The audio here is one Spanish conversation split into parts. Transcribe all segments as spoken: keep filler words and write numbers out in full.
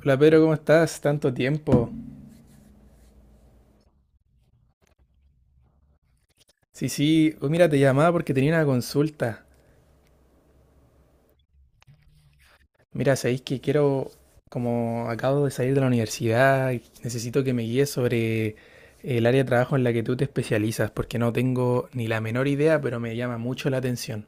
Hola Pedro, ¿cómo estás? Tanto tiempo. Sí, sí, oh, mira, te llamaba porque tenía una consulta. Mira, sabéis que quiero, como acabo de salir de la universidad, y necesito que me guíes sobre el área de trabajo en la que tú te especializas, porque no tengo ni la menor idea, pero me llama mucho la atención.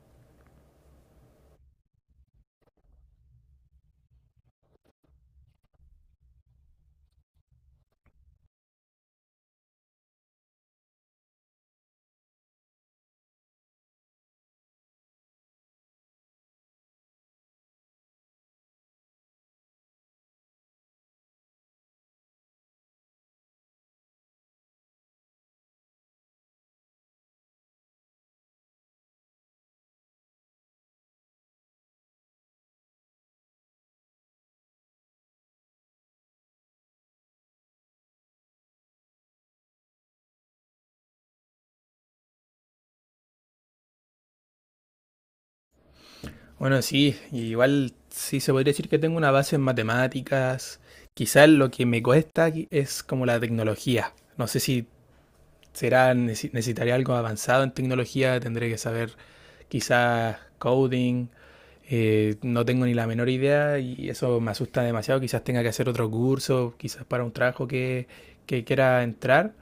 Bueno, sí, igual sí se podría decir que tengo una base en matemáticas. Quizás lo que me cuesta aquí es como la tecnología. No sé si será, necesi- necesitaré algo avanzado en tecnología, tendré que saber quizás coding, eh, no tengo ni la menor idea y eso me asusta demasiado, quizás tenga que hacer otro curso, quizás para un trabajo que, que quiera entrar,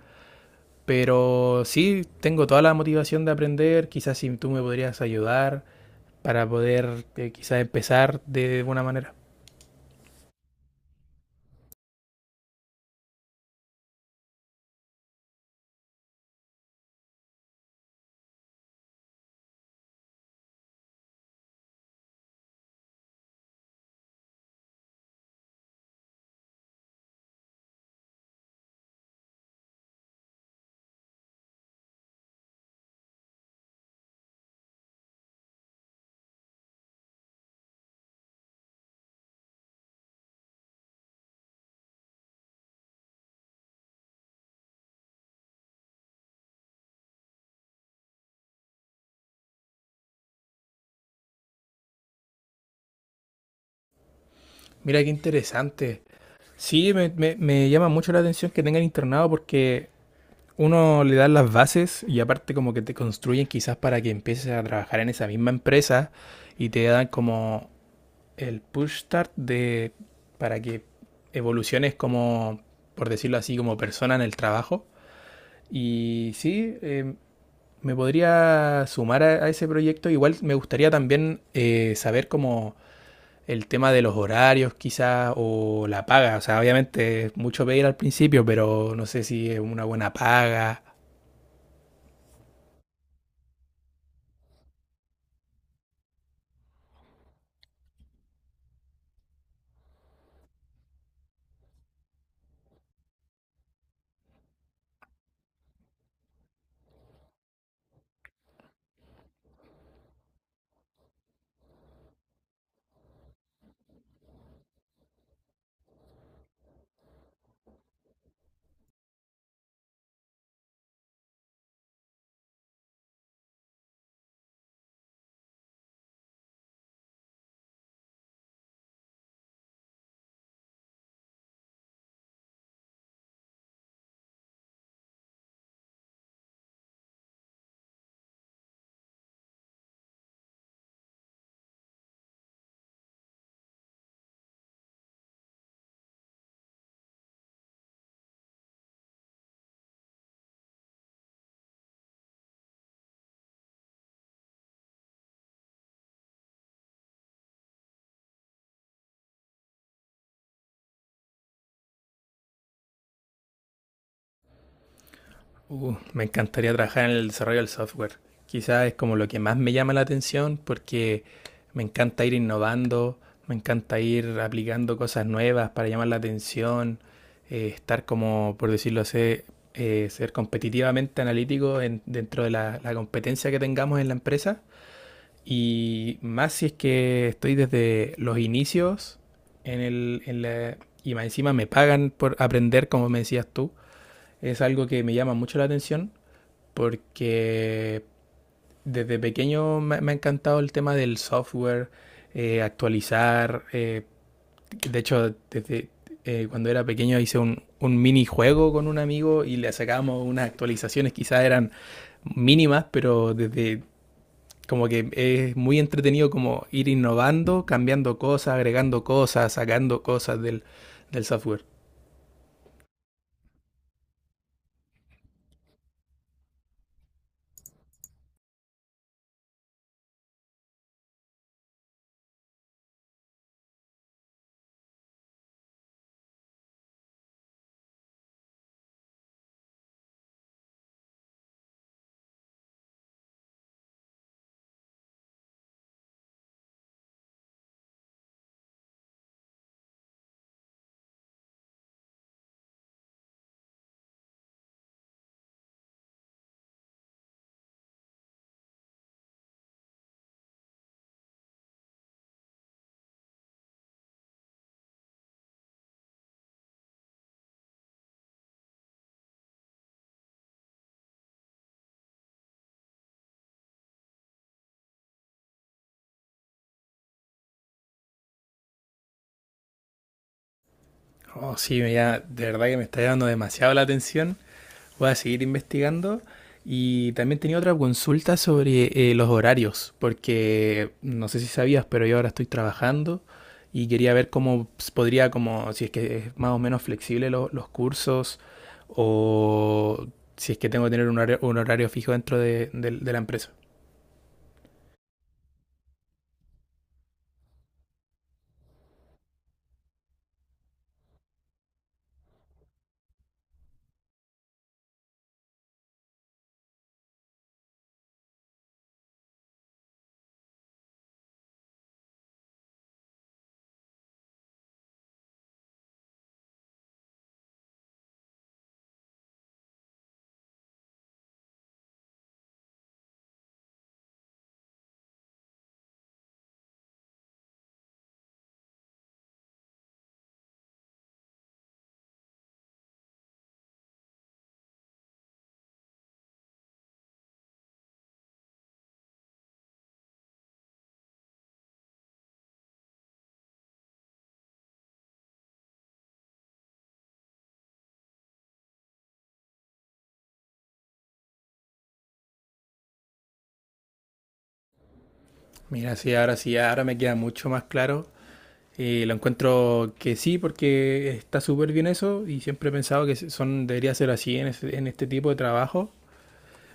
pero sí, tengo toda la motivación de aprender, quizás si tú me podrías ayudar para poder eh, quizás empezar de buena manera. Mira qué interesante. Sí, me, me- me llama mucho la atención que tengan internado porque uno le dan las bases y aparte como que te construyen quizás para que empieces a trabajar en esa misma empresa y te dan como el push start de para que evoluciones como, por decirlo así, como persona en el trabajo. Y sí, eh, me podría sumar a, a, ese proyecto. Igual me gustaría también eh, saber como el tema de los horarios quizás o la paga. O sea, obviamente es mucho pedir al principio, pero no sé si es una buena paga. Uh, me encantaría trabajar en el desarrollo del software. Quizás es como lo que más me llama la atención porque me encanta ir innovando, me encanta ir aplicando cosas nuevas para llamar la atención, eh, estar como, por decirlo así, eh, ser competitivamente analítico en- dentro de la, la competencia que tengamos en la empresa. Y más si es que estoy desde los inicios en el, en la- y más encima me pagan por aprender, como me decías tú, es algo que me llama mucho la atención porque desde pequeño me, me ha encantado el tema del software, eh, actualizar. Eh, de hecho, desde eh, cuando era pequeño hice un, un minijuego con un amigo y le sacábamos unas actualizaciones, quizás eran mínimas, pero desde como que es muy entretenido como ir innovando, cambiando cosas, agregando cosas, sacando cosas del, del software. Oh, sí, ya de verdad que me está llamando demasiado la atención. Voy a seguir investigando. Y también tenía otra consulta sobre eh, los horarios, porque no sé si sabías, pero yo ahora estoy trabajando y quería ver cómo s- podría, como si es que es más o menos flexible lo- los cursos o si es que tengo que tener un horario, un horario fijo dentro de, del- de la empresa. Mira, sí, ahora sí, ahora me queda mucho más claro. Y lo encuentro que sí, porque está súper bien eso y siempre he pensado que son, debería ser así en, ese- en este tipo de trabajo.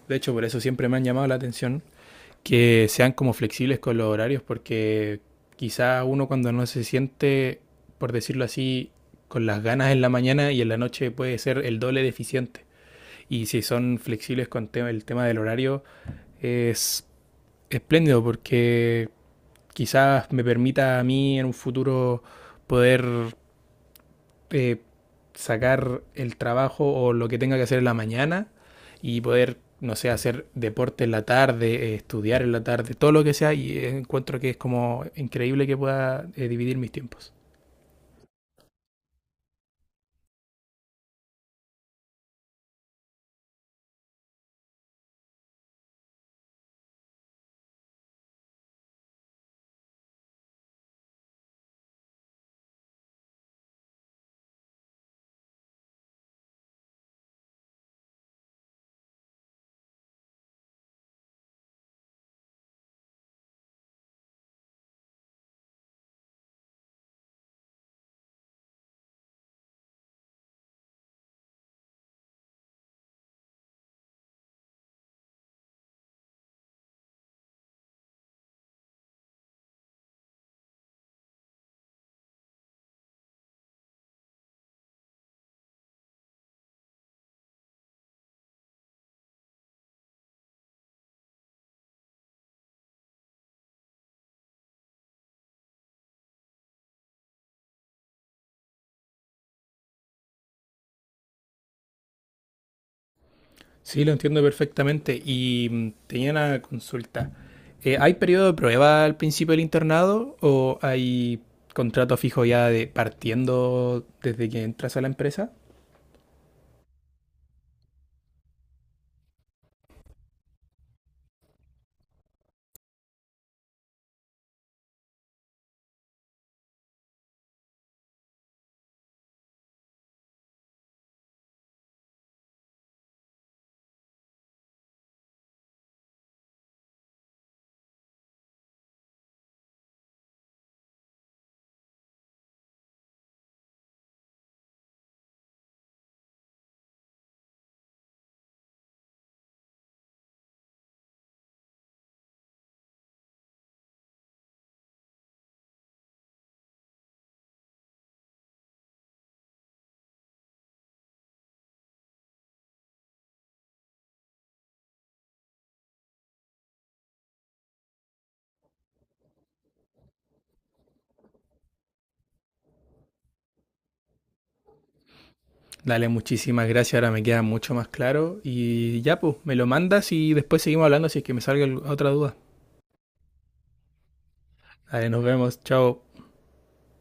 De hecho, por eso siempre me han llamado la atención que sean como flexibles con los horarios, porque quizá uno cuando no se siente, por decirlo así, con las ganas en la mañana y en la noche puede ser el doble deficiente. Y si son flexibles con te- el tema del horario, es espléndido porque quizás me permita a mí en un futuro poder eh, sacar el trabajo o lo que tenga que hacer en la mañana y poder, no sé, hacer deporte en la tarde, eh, estudiar en la tarde, todo lo que sea, y eh, encuentro que es como increíble que pueda eh, dividir mis tiempos. Sí, lo entiendo perfectamente y mm, tenía una consulta. Eh, ¿hay periodo de prueba al principio del internado o hay contrato fijo ya de partiendo desde que entras a la empresa? Dale, muchísimas gracias. Ahora me queda mucho más claro. Y ya, pues, me lo mandas y después seguimos hablando si es que me salga al- otra duda. Dale, nos vemos. Chao.